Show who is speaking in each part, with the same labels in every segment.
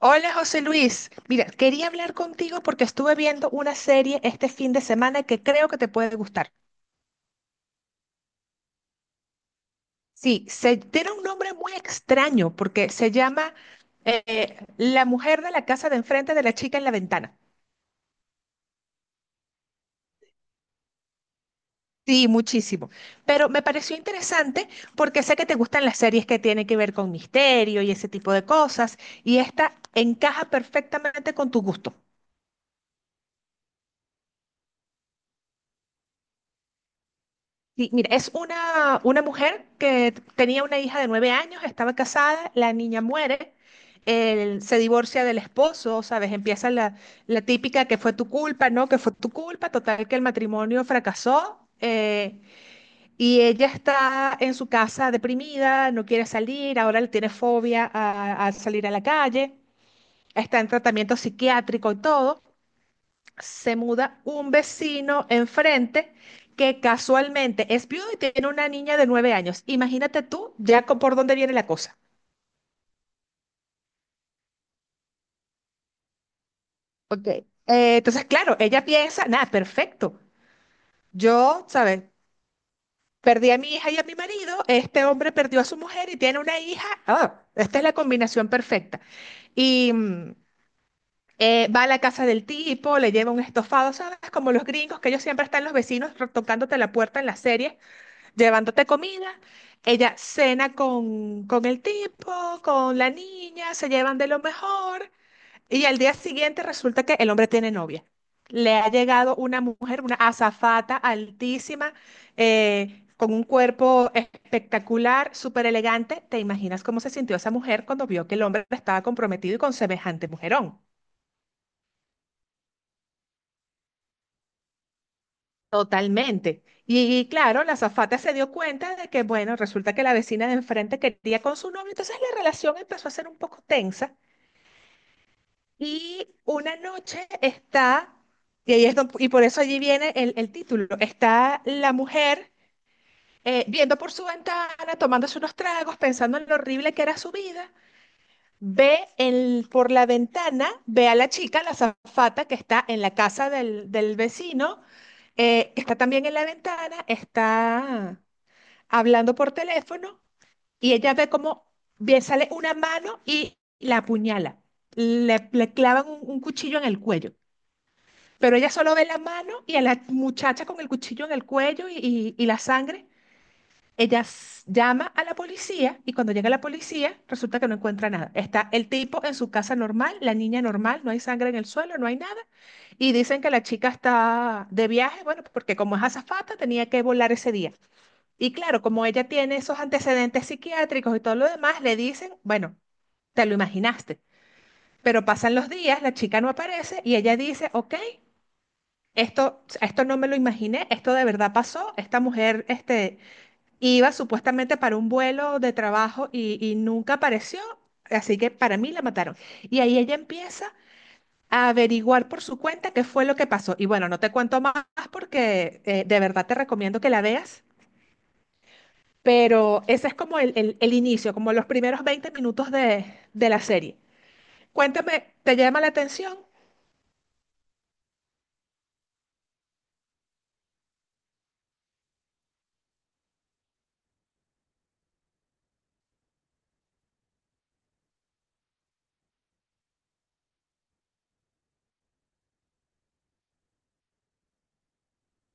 Speaker 1: Hola José Luis, mira, quería hablar contigo porque estuve viendo una serie este fin de semana que creo que te puede gustar. Tiene un nombre muy extraño porque se llama La mujer de la casa de enfrente de la chica en la ventana. Sí, muchísimo. Pero me pareció interesante porque sé que te gustan las series que tienen que ver con misterio y ese tipo de cosas, y esta encaja perfectamente con tu gusto. Sí, mira, es una mujer que tenía una hija de 9 años, estaba casada, la niña muere, él se divorcia del esposo, ¿sabes? Empieza la típica que fue tu culpa, ¿no? Que fue tu culpa, total que el matrimonio fracasó, y ella está en su casa deprimida, no quiere salir, ahora le tiene fobia a salir a la calle, está en tratamiento psiquiátrico y todo. Se muda un vecino enfrente que casualmente es viudo y tiene una niña de 9 años. Imagínate tú ya por dónde viene la cosa. Ok. Entonces, claro, ella piensa, nada, perfecto. Yo, ¿sabes? Perdí a mi hija y a mi marido, este hombre perdió a su mujer y tiene una hija. Ah, esta es la combinación perfecta. Y mm, Va a la casa del tipo, le lleva un estofado, ¿sabes? Como los gringos, que ellos siempre están los vecinos tocándote la puerta en las series llevándote comida. Ella cena con el tipo, con la niña, se llevan de lo mejor. Y al día siguiente resulta que el hombre tiene novia. Le ha llegado una mujer, una azafata altísima, con un cuerpo espectacular, súper elegante. ¿Te imaginas cómo se sintió esa mujer cuando vio que el hombre estaba comprometido y con semejante mujerón? Totalmente. Y claro, la azafata se dio cuenta de que, bueno, resulta que la vecina de enfrente quería con su novio, entonces la relación empezó a ser un poco tensa. Y una noche está, y ahí es y por eso allí viene el título, está la mujer viendo por su ventana, tomándose unos tragos, pensando en lo horrible que era su vida. Ve por la ventana, ve a la chica, la azafata, que está en la casa del vecino, está también en la ventana, está hablando por teléfono, y ella ve cómo bien sale una mano y la apuñala. Le clavan un cuchillo en el cuello. Pero ella solo ve la mano y a la muchacha con el cuchillo en el cuello y la sangre. Ella llama a la policía y cuando llega la policía resulta que no encuentra nada. Está el tipo en su casa normal, la niña normal, no hay sangre en el suelo, no hay nada. Y dicen que la chica está de viaje, bueno, porque como es azafata tenía que volar ese día. Y claro, como ella tiene esos antecedentes psiquiátricos y todo lo demás, le dicen, bueno, te lo imaginaste. Pero pasan los días, la chica no aparece y ella dice, ok, esto no me lo imaginé, esto de verdad pasó, esta mujer, este iba supuestamente para un vuelo de trabajo y nunca apareció, así que para mí la mataron. Y ahí ella empieza a averiguar por su cuenta qué fue lo que pasó. Y bueno, no te cuento más porque de verdad te recomiendo que la veas, pero ese es como el inicio, como los primeros 20 minutos de la serie. Cuéntame, ¿te llama la atención?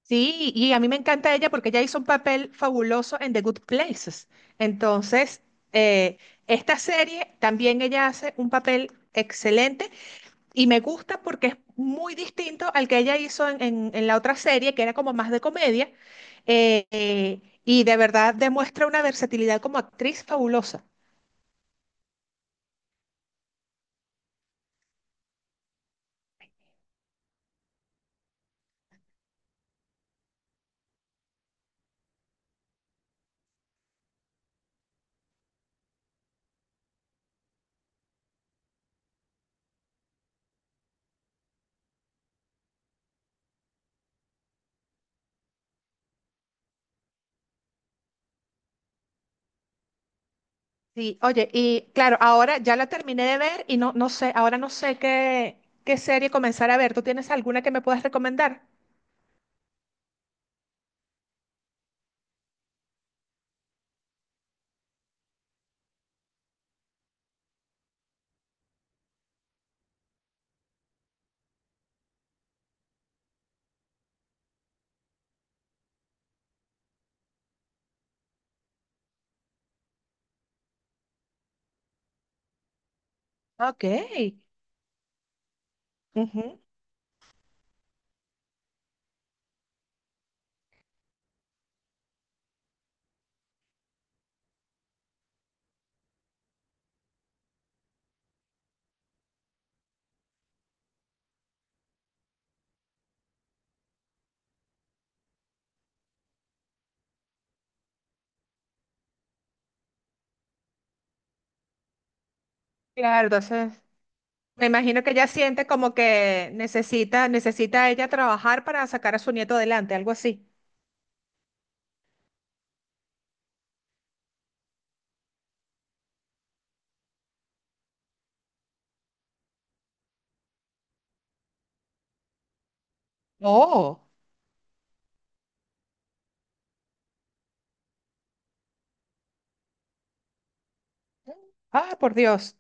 Speaker 1: Sí, y a mí me encanta ella porque ella hizo un papel fabuloso en The Good Places. Entonces, eh, esta serie también ella hace un papel excelente, y me gusta porque es muy distinto al que ella hizo en, en la otra serie, que era como más de comedia, y de verdad demuestra una versatilidad como actriz fabulosa. Sí, oye, y claro, ahora ya la terminé de ver y no, no sé, ahora no sé qué, qué serie comenzar a ver. ¿Tú tienes alguna que me puedas recomendar? Ok. Ujú. Claro, entonces me imagino que ella siente como que necesita, necesita ella trabajar para sacar a su nieto adelante, algo así. Oh, ah, por Dios.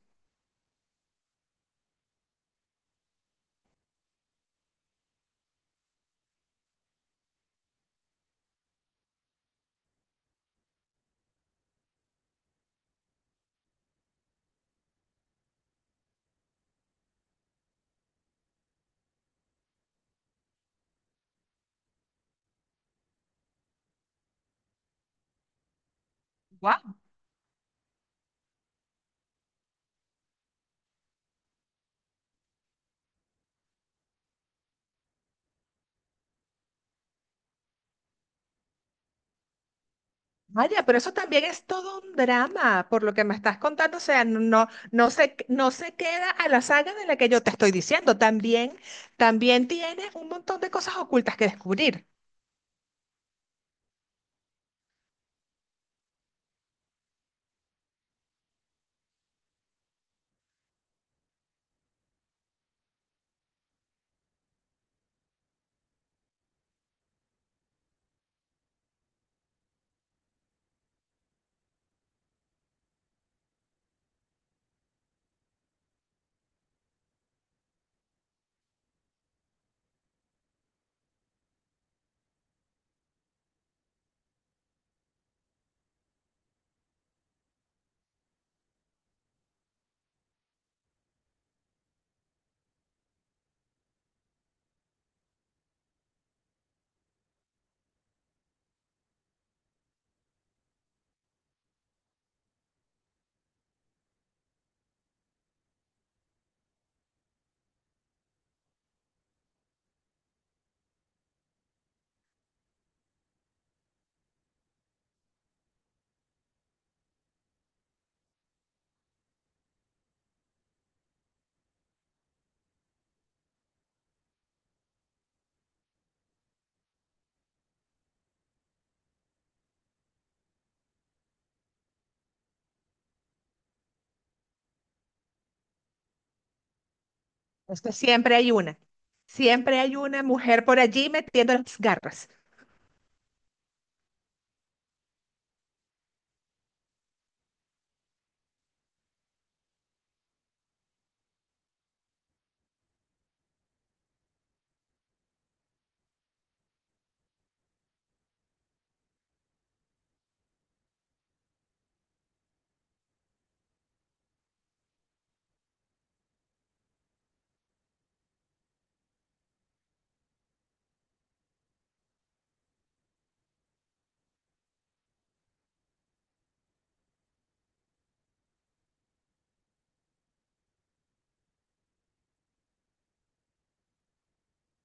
Speaker 1: Wow. Vaya, pero eso también es todo un drama, por lo que me estás contando. O sea, no, no se queda a la saga de la que yo te estoy diciendo. También, también tiene un montón de cosas ocultas que descubrir. Es que siempre hay una. Siempre hay una mujer por allí metiendo las garras.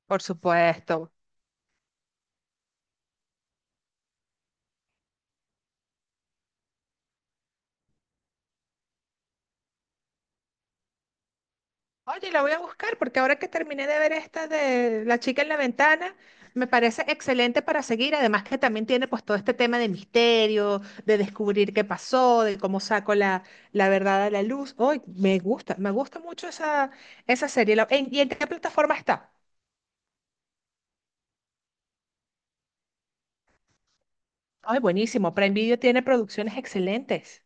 Speaker 1: Por supuesto. Oye, la voy a buscar porque ahora que terminé de ver esta de La chica en la ventana, me parece excelente para seguir. Además que también tiene pues todo este tema de misterio, de descubrir qué pasó, de cómo saco la, la verdad a la luz. Hoy me gusta mucho esa, esa serie. ¿Y en qué plataforma está? Ay, buenísimo. Prime Video tiene producciones excelentes.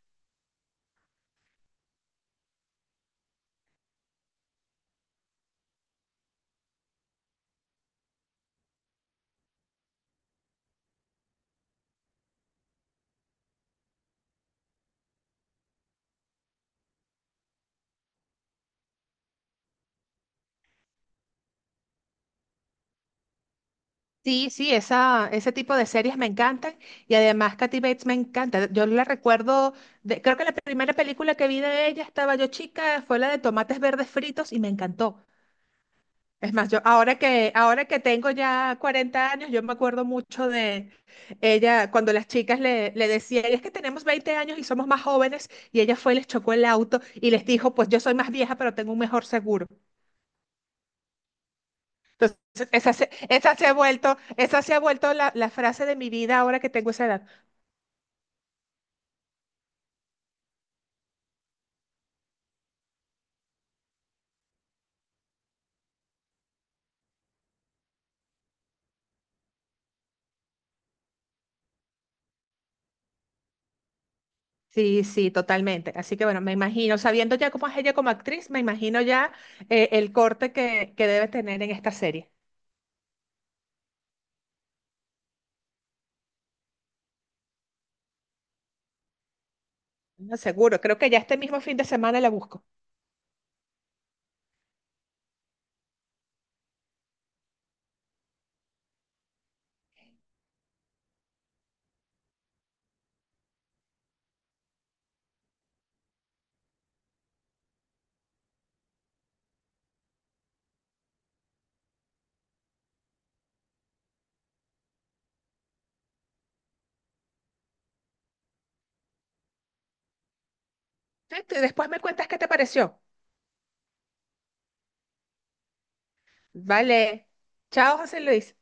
Speaker 1: Sí, sí, esa, ese tipo de series me encantan, y además Kathy Bates me encanta. Yo la recuerdo, creo que la primera película que vi de ella estaba yo chica, fue la de Tomates Verdes Fritos y me encantó. Es más, yo ahora que tengo ya 40 años, yo me acuerdo mucho de ella cuando las chicas le decían, es que tenemos 20 años y somos más jóvenes, y ella fue y les chocó el auto y les dijo, pues yo soy más vieja pero tengo un mejor seguro. Entonces, esa se ha vuelto la frase de mi vida ahora que tengo esa edad. Sí, sí, totalmente. Así que bueno, me imagino, sabiendo ya cómo es ella como actriz, me imagino ya, el corte que debe tener en esta serie. No, seguro, creo que ya este mismo fin de semana la busco. Este, después me cuentas qué te pareció. Vale. Chao, José Luis.